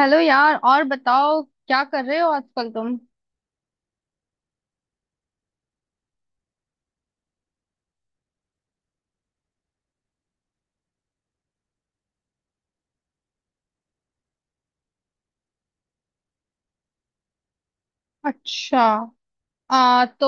Hello यार। और बताओ क्या कर रहे हो आजकल तुम। अच्छा। आ तो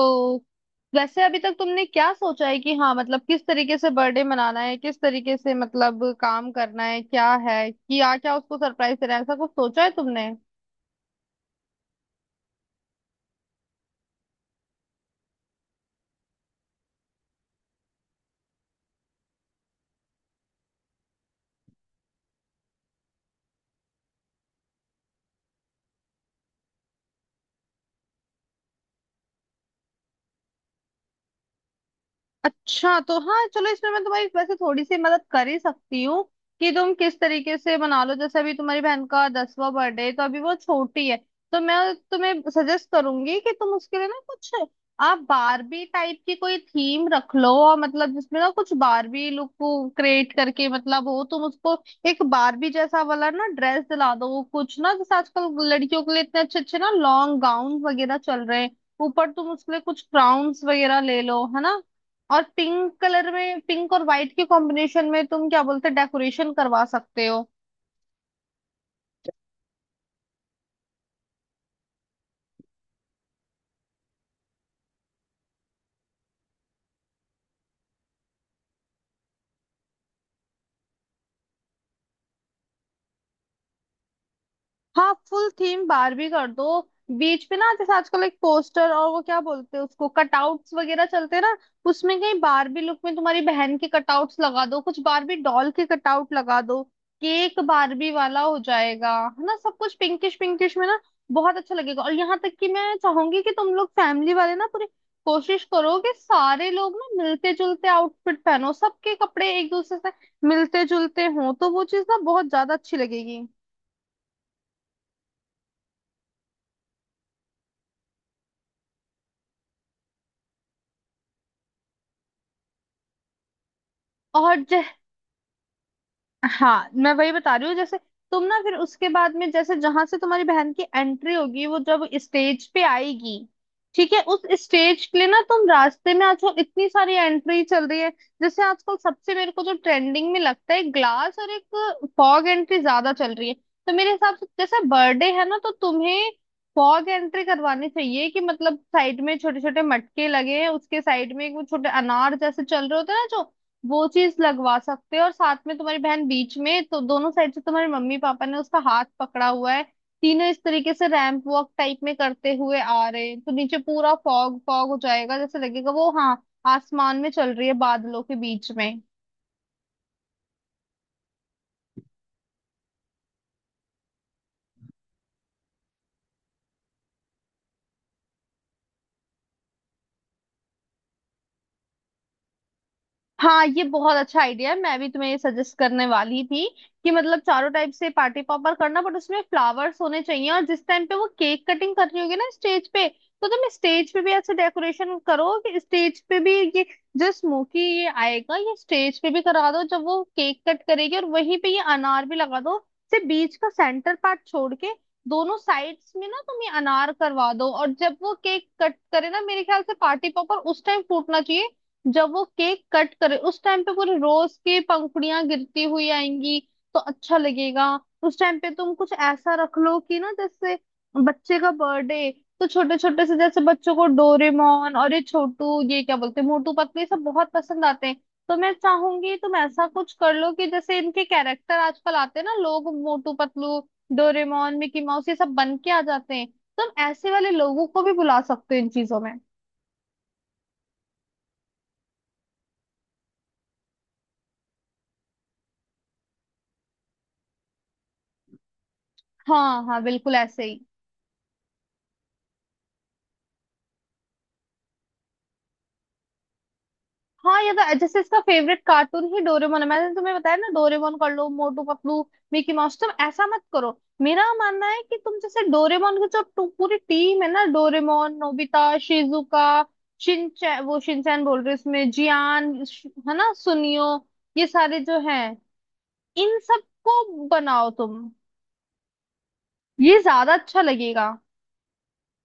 वैसे अभी तक तुमने क्या सोचा है कि हाँ, मतलब किस तरीके से बर्थडे मनाना है, किस तरीके से मतलब काम करना है, क्या है कि क्या क्या उसको सरप्राइज देना है, ऐसा कुछ सोचा है तुमने। अच्छा, तो हाँ चलो, इसमें मैं तुम्हारी वैसे थोड़ी सी मदद कर ही सकती हूँ कि तुम किस तरीके से मना लो। जैसे अभी तुम्हारी बहन का दसवां बर्थडे है, तो अभी वो छोटी है, तो मैं तुम्हें सजेस्ट करूंगी कि तुम उसके लिए ना कुछ आप बारबी टाइप की कोई थीम रख लो। और मतलब जिसमें ना कुछ बारबी लुक को क्रिएट करके मतलब हो तुम उसको, एक बारबी जैसा वाला ना ड्रेस दिला दो। कुछ ना जैसे आजकल लड़कियों के लिए इतने अच्छे अच्छे ना लॉन्ग गाउन वगैरह चल रहे हैं। ऊपर तुम उसके लिए कुछ क्राउन्स वगैरह ले लो, है ना। और पिंक कलर में, पिंक और व्हाइट के कॉम्बिनेशन में तुम क्या बोलते डेकोरेशन करवा सकते हो। हाँ, फुल थीम बारबी कर दो। बीच पे ना जैसे आजकल एक पोस्टर और वो क्या बोलते हैं उसको, कटआउट्स वगैरह चलते हैं ना, उसमें कहीं बारबी लुक में तुम्हारी बहन के कटआउट्स लगा दो, कुछ बारबी डॉल के कटआउट लगा दो। केक बारबी वाला हो जाएगा। है ना, सब कुछ पिंकिश पिंकिश में ना बहुत अच्छा लगेगा। और यहाँ तक कि मैं चाहूंगी कि तुम लोग फैमिली वाले ना पूरी कोशिश करो कि सारे लोग ना मिलते जुलते आउटफिट पहनो। सबके कपड़े एक दूसरे से मिलते जुलते हों तो वो चीज ना बहुत ज्यादा अच्छी लगेगी। और जै- हाँ, मैं वही बता रही हूँ। जैसे तुम ना फिर उसके बाद में, जैसे जहां से तुम्हारी बहन की एंट्री होगी, वो जब स्टेज पे आएगी, ठीक है, उस स्टेज के लिए ना तुम रास्ते में, आजकल इतनी सारी एंट्री चल रही है। जैसे आजकल सबसे मेरे को जो ट्रेंडिंग में लगता है ग्लास और एक फॉग एंट्री ज्यादा चल रही है। तो मेरे हिसाब से जैसे बर्थडे है ना, तो तुम्हें फॉग एंट्री करवानी चाहिए कि मतलब साइड में छोटे छोटे मटके लगे हैं, उसके साइड में एक वो छोटे अनार जैसे चल रहे होते हैं ना, जो वो चीज लगवा सकते हो। और साथ में तुम्हारी बहन बीच में, तो दोनों साइड से तुम्हारे मम्मी पापा ने उसका हाथ पकड़ा हुआ है, तीनों इस तरीके से रैंप वॉक टाइप में करते हुए आ रहे हैं, तो नीचे पूरा फॉग फॉग हो जाएगा, जैसे लगेगा वो हाँ आसमान में चल रही है, बादलों के बीच में। हाँ, ये बहुत अच्छा आइडिया है, मैं भी तुम्हें ये सजेस्ट करने वाली थी कि मतलब चारों टाइप से पार्टी पॉपर करना, बट उसमें फ्लावर्स होने चाहिए। और जिस टाइम पे वो केक कटिंग कर रही होगी ना स्टेज पे, तो तुम स्टेज पे भी ऐसे डेकोरेशन करो कि स्टेज पे भी ये जो स्मोकी ये आएगा, ये स्टेज पे भी करा दो जब वो केक कट करेगी। और वहीं पे ये अनार भी लगा दो, से बीच का सेंटर पार्ट छोड़ के दोनों साइड्स में ना तुम ये अनार करवा दो। और जब वो केक कट करे ना, मेरे ख्याल से पार्टी पॉपर उस टाइम फूटना चाहिए, जब वो केक कट करे उस टाइम पे पूरे रोज की पंखुड़ियां गिरती हुई आएंगी, तो अच्छा लगेगा। उस टाइम पे तुम कुछ ऐसा रख लो कि ना, जैसे बच्चे का बर्थडे, तो छोटे छोटे से जैसे बच्चों को डोरेमोन और ये छोटू ये क्या बोलते हैं मोटू पतलू, ये सब बहुत पसंद आते हैं। तो मैं चाहूंगी तुम ऐसा कुछ कर लो कि जैसे इनके कैरेक्टर आजकल आते हैं ना लोग, Motu Patlu, Doraemon, Mickey Mouse, ये सब बन के आ जाते हैं। तुम ऐसे वाले लोगों को भी बुला सकते हो इन चीजों में। हाँ हाँ, बिल्कुल ऐसे ही। हाँ, ये तो जैसे इसका फेवरेट कार्टून ही डोरेमोन है, मैंने तुम्हें बताया ना, डोरेमोन कर लो, मोटू पतलू मिकी माउस तुम ऐसा मत करो। मेरा मानना है कि तुम, जैसे डोरेमोन की जो पूरी टीम है ना, डोरेमोन, नोबिता, शिजुका, शिनचैन, वो शिनचैन बोल रही हूँ इसमें, है ना, सुनियो, ये सारे जो हैं, इन सबको बनाओ तुम। ये ज्यादा अच्छा लगेगा।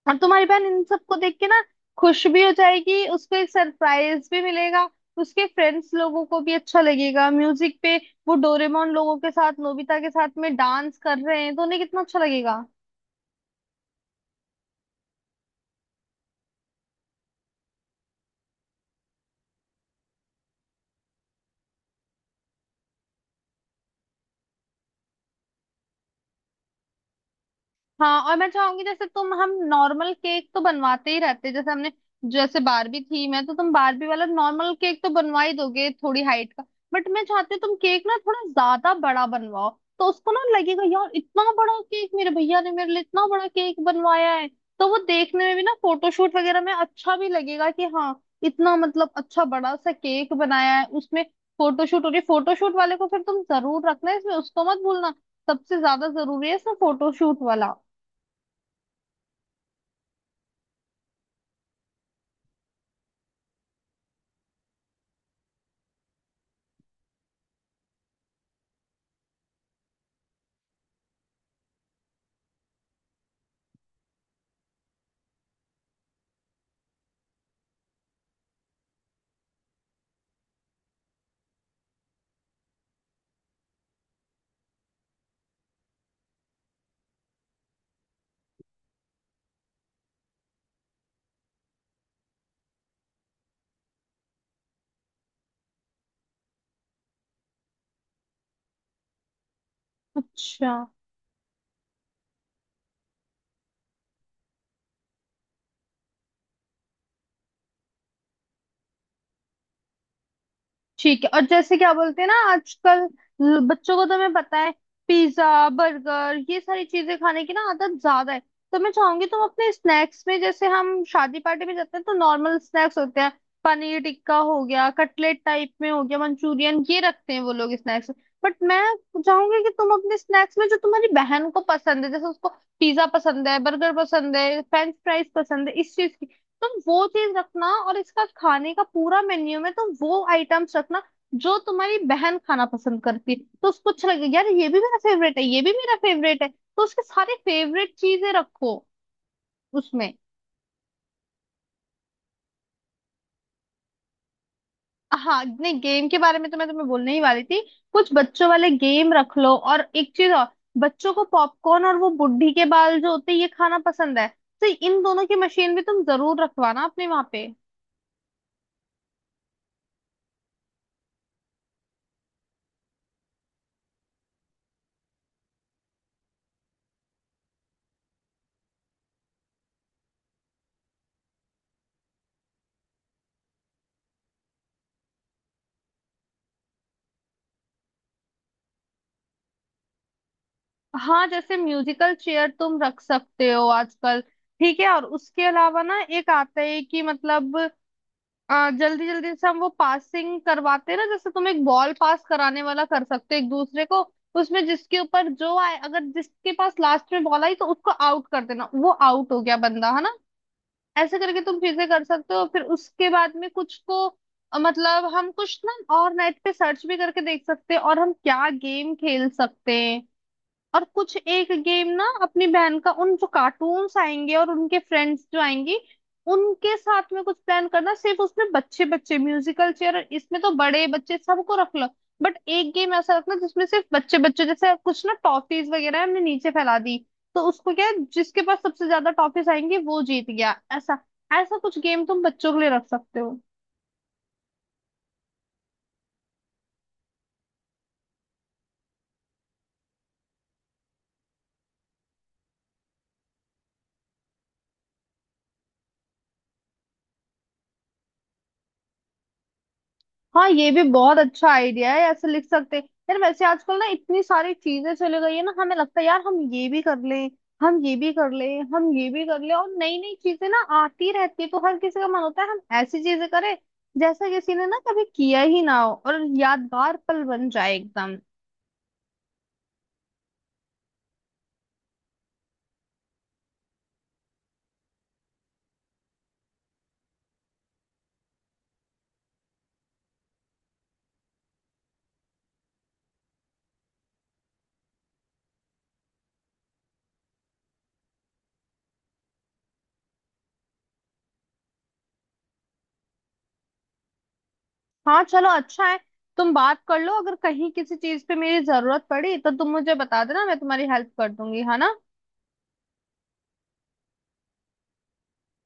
और तुम्हारी बहन इन सबको देख के ना खुश भी हो जाएगी, उसको एक सरप्राइज भी मिलेगा। उसके फ्रेंड्स लोगों को भी अच्छा लगेगा म्यूजिक पे, वो डोरेमोन लोगों के साथ, नोबिता के साथ में डांस कर रहे हैं, तो उन्हें कितना अच्छा लगेगा। हाँ, और मैं चाहूंगी जैसे तुम, हम नॉर्मल केक तो बनवाते ही रहते हैं, जैसे हमने, जैसे बारबी थी, मैं तो तुम बारबी वाला नॉर्मल केक तो बनवा ही दोगे थोड़ी हाइट का, बट मैं चाहती हूँ तुम केक ना थोड़ा ज्यादा बड़ा बनवाओ। तो उसको ना लगेगा यार, इतना बड़ा केक मेरे भैया ने मेरे लिए इतना बड़ा केक बनवाया है। तो वो देखने में भी ना फोटोशूट वगैरह में अच्छा भी लगेगा कि हाँ, इतना मतलब अच्छा बड़ा सा केक बनाया है उसमें। फोटोशूट हो रही है, फोटोशूट वाले को फिर तुम जरूर रखना इसमें, उसको मत भूलना। सबसे ज्यादा जरूरी है इसमें फोटोशूट वाला। अच्छा। ठीक है, और जैसे क्या बोलते हैं ना आजकल, बच्चों को तो मैं पता है पिज्जा, बर्गर, ये सारी चीजें खाने की ना आदत ज्यादा है। तो मैं चाहूंगी तुम अपने स्नैक्स में, जैसे हम शादी पार्टी में जाते हैं तो नॉर्मल स्नैक्स होते हैं, पनीर टिक्का हो गया, कटलेट टाइप में हो गया, मंचूरियन, ये रखते हैं वो लोग स्नैक्स, बट मैं चाहूंगी कि तुम अपने स्नैक्स में जो तुम्हारी बहन को पसंद है, जैसे उसको पिज्जा पसंद है, बर्गर पसंद है, फ्रेंच फ्राइज पसंद है, इस चीज की तुम वो चीज रखना। और इसका खाने का पूरा मेन्यू में तुम वो आइटम्स रखना जो तुम्हारी बहन खाना पसंद करती है। तो उसको अच्छा लगेगा यार, ये भी मेरा फेवरेट है, ये भी मेरा फेवरेट है, तो उसके सारे फेवरेट चीजें रखो उसमें। हाँ नहीं, गेम के बारे में तो मैं तुम्हें बोलने ही वाली थी, कुछ बच्चों वाले गेम रख लो। और एक चीज और, बच्चों को पॉपकॉर्न और वो बुढ़ी के बाल जो होते हैं ये खाना पसंद है, तो इन दोनों की मशीन भी तुम जरूर रखवाना अपने वहां पे। हाँ, जैसे म्यूजिकल चेयर तुम रख सकते हो आजकल, ठीक है। और उसके अलावा ना एक आता है कि मतलब जल्दी जल्दी से हम वो पासिंग करवाते हैं ना, जैसे तुम एक बॉल पास कराने वाला कर सकते हो एक दूसरे को। उसमें जिसके ऊपर जो आए, अगर जिसके पास लास्ट में बॉल आई तो उसको आउट कर देना, वो आउट हो गया बंदा है ना, ऐसे करके तुम चीजें कर सकते हो। फिर उसके बाद में कुछ को, मतलब हम कुछ ना और नेट पे सर्च भी करके देख सकते हैं, और हम क्या गेम खेल सकते हैं। और कुछ एक गेम ना अपनी बहन का, उन जो कार्टून्स आएंगे और उनके फ्रेंड्स जो आएंगी उनके साथ में कुछ प्लान करना। सिर्फ उसमें बच्चे बच्चे, म्यूजिकल चेयर इसमें तो बड़े बच्चे सबको रख लो, बट एक गेम ऐसा रखना जिसमें सिर्फ बच्चे बच्चे, जैसे कुछ ना टॉफीज वगैरह हमने नीचे फैला दी, तो उसको क्या है, जिसके पास सबसे ज्यादा टॉफीज आएंगी वो जीत गया, ऐसा ऐसा कुछ गेम तुम बच्चों के लिए रख सकते हो। हाँ, ये भी बहुत अच्छा आइडिया है, ऐसे लिख सकते हैं। यार वैसे आजकल ना इतनी सारी चीजें चली गई है ना, हमें लगता है यार हम ये भी कर लें, हम ये भी कर लें, हम ये भी कर लें, और नई नई चीजें ना आती रहती है, तो हर किसी का मन होता है हम ऐसी चीजें करें जैसा किसी ने ना कभी किया ही ना हो और यादगार पल बन जाए एकदम। हाँ चलो, अच्छा है, तुम बात कर लो, अगर कहीं किसी चीज पे मेरी जरूरत पड़ी तो तुम मुझे बता देना, मैं तुम्हारी हेल्प कर दूंगी, है ना।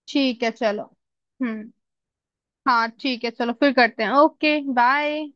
ठीक है चलो। हम्म। हाँ ठीक है, चलो फिर करते हैं। Okay bye.